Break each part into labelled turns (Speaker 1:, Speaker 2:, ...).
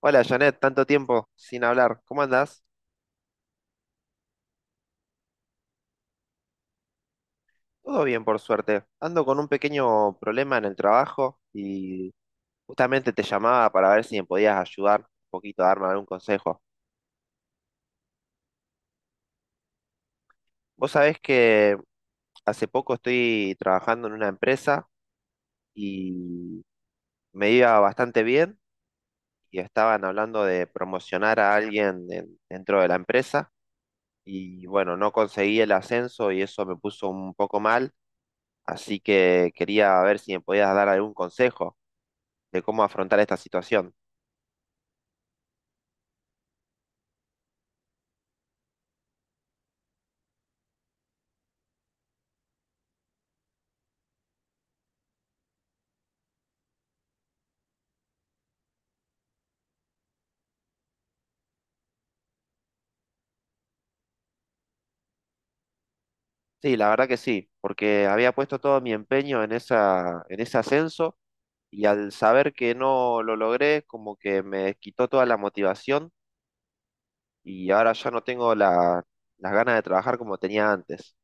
Speaker 1: Hola Janet, tanto tiempo sin hablar. ¿Cómo andás? Todo bien, por suerte. Ando con un pequeño problema en el trabajo y justamente te llamaba para ver si me podías ayudar un poquito, darme algún consejo. Vos sabés que hace poco estoy trabajando en una empresa y me iba bastante bien y estaban hablando de promocionar a alguien dentro de la empresa y bueno, no conseguí el ascenso y eso me puso un poco mal. Así que quería ver si me podías dar algún consejo de cómo afrontar esta situación. Sí, la verdad que sí, porque había puesto todo mi empeño en ese ascenso y al saber que no lo logré, como que me quitó toda la motivación y ahora ya no tengo las ganas de trabajar como tenía antes.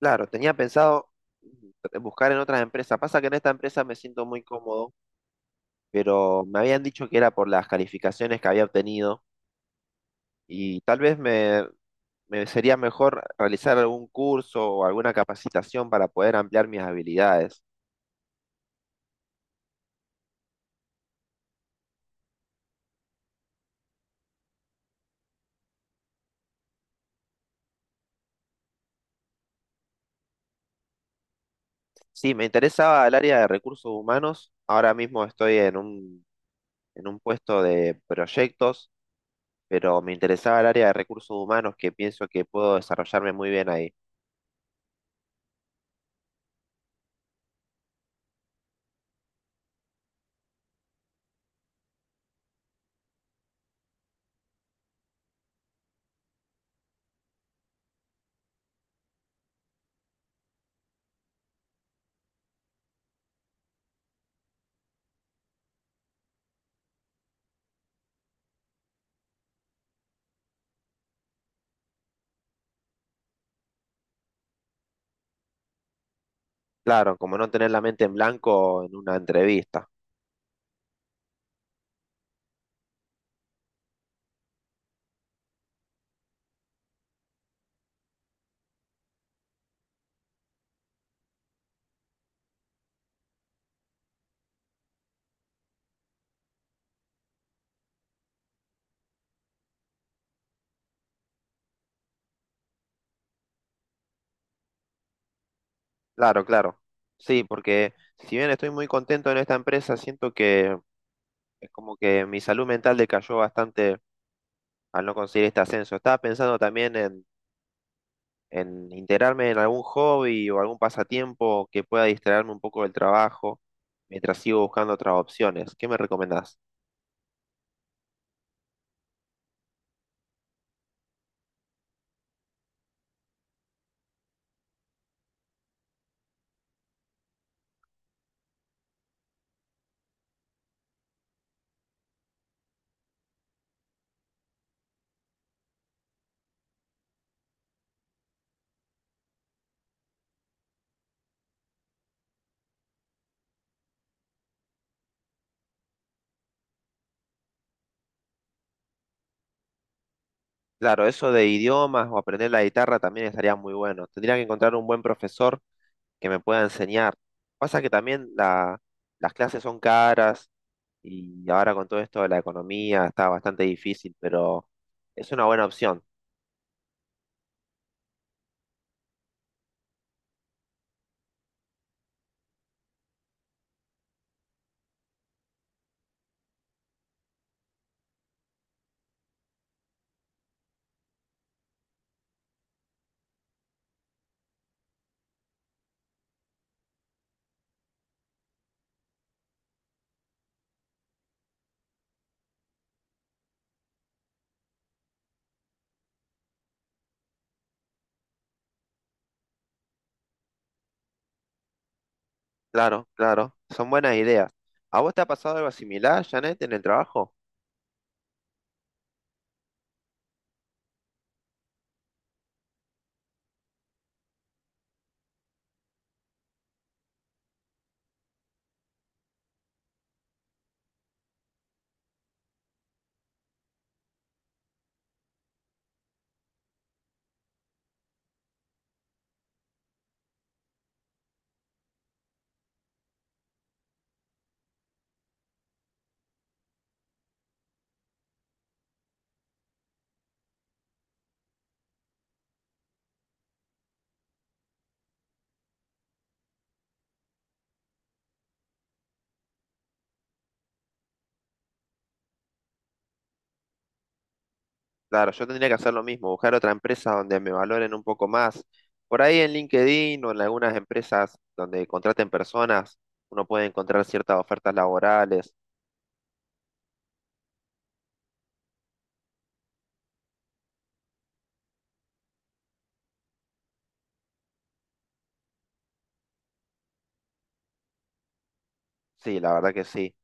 Speaker 1: Claro, tenía pensado buscar en otras empresas. Pasa que en esta empresa me siento muy cómodo, pero me habían dicho que era por las calificaciones que había obtenido y me sería mejor realizar algún curso o alguna capacitación para poder ampliar mis habilidades. Sí, me interesaba el área de recursos humanos. Ahora mismo estoy en un puesto de proyectos, pero me interesaba el área de recursos humanos que pienso que puedo desarrollarme muy bien ahí. Claro, como no tener la mente en blanco en una entrevista. Claro, claro. Sí, porque si bien estoy muy contento en esta empresa, siento que es como que mi salud mental decayó bastante al no conseguir este ascenso. Estaba pensando también en integrarme en algún hobby o algún pasatiempo que pueda distraerme un poco del trabajo mientras sigo buscando otras opciones. ¿Qué me recomendás? Claro, eso de idiomas o aprender la guitarra también estaría muy bueno. Tendría que encontrar un buen profesor que me pueda enseñar. Pasa que también las clases son caras y ahora con todo esto de la economía está bastante difícil, pero es una buena opción. Claro, claro, son buenas ideas. ¿A vos te ha pasado algo similar, Janet, en el trabajo? Claro, yo tendría que hacer lo mismo, buscar otra empresa donde me valoren un poco más. Por ahí en LinkedIn o en algunas empresas donde contraten personas, uno puede encontrar ciertas ofertas laborales. Sí, la verdad que sí.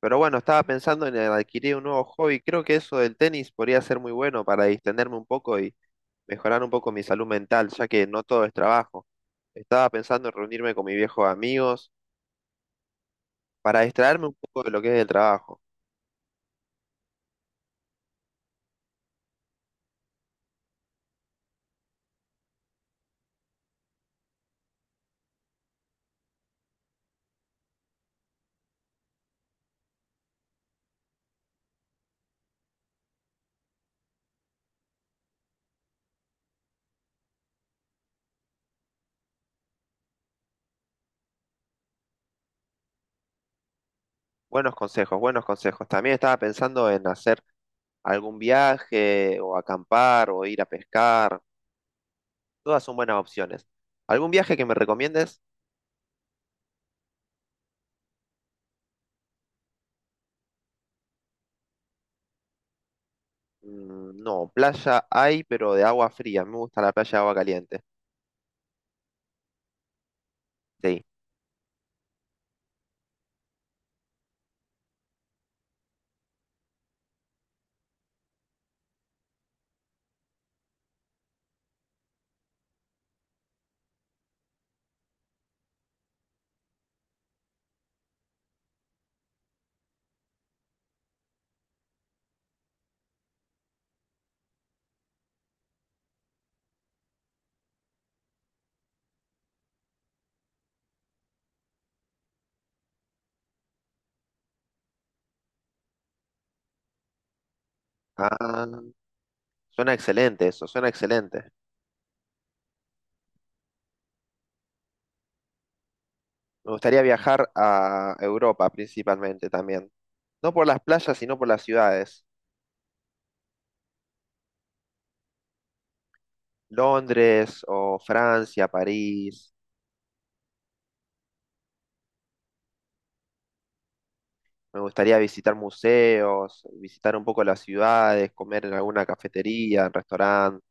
Speaker 1: Pero bueno, estaba pensando en adquirir un nuevo hobby. Creo que eso del tenis podría ser muy bueno para distenderme un poco y mejorar un poco mi salud mental, ya que no todo es trabajo. Estaba pensando en reunirme con mis viejos amigos para distraerme un poco de lo que es el trabajo. Buenos consejos, buenos consejos. También estaba pensando en hacer algún viaje o acampar o ir a pescar. Todas son buenas opciones. ¿Algún viaje que me recomiendes? No, playa hay, pero de agua fría. Me gusta la playa de agua caliente. Sí. Ah, suena excelente eso, suena excelente. Me gustaría viajar a Europa principalmente también. No por las playas, sino por las ciudades. Londres o Francia, París. Me gustaría visitar museos, visitar un poco las ciudades, comer en alguna cafetería, en restaurante,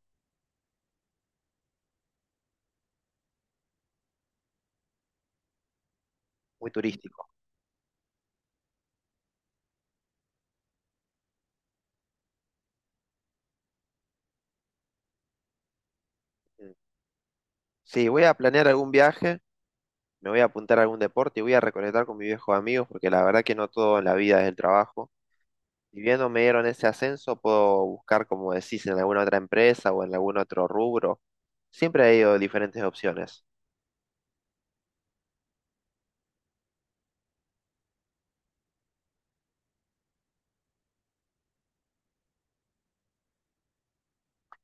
Speaker 1: muy turístico. Mm. Sí, voy a planear algún viaje, me voy a apuntar a algún deporte y voy a reconectar con mis viejos amigos, porque la verdad que no todo en la vida es el trabajo. Y viendo me dieron ese ascenso, puedo buscar, como decís, en alguna otra empresa o en algún otro rubro. Siempre he ido diferentes opciones.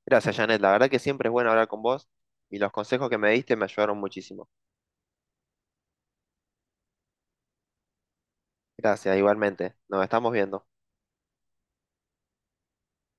Speaker 1: Gracias, Janet. La verdad que siempre es bueno hablar con vos y los consejos que me diste me ayudaron muchísimo. Gracias, igualmente. Nos estamos viendo.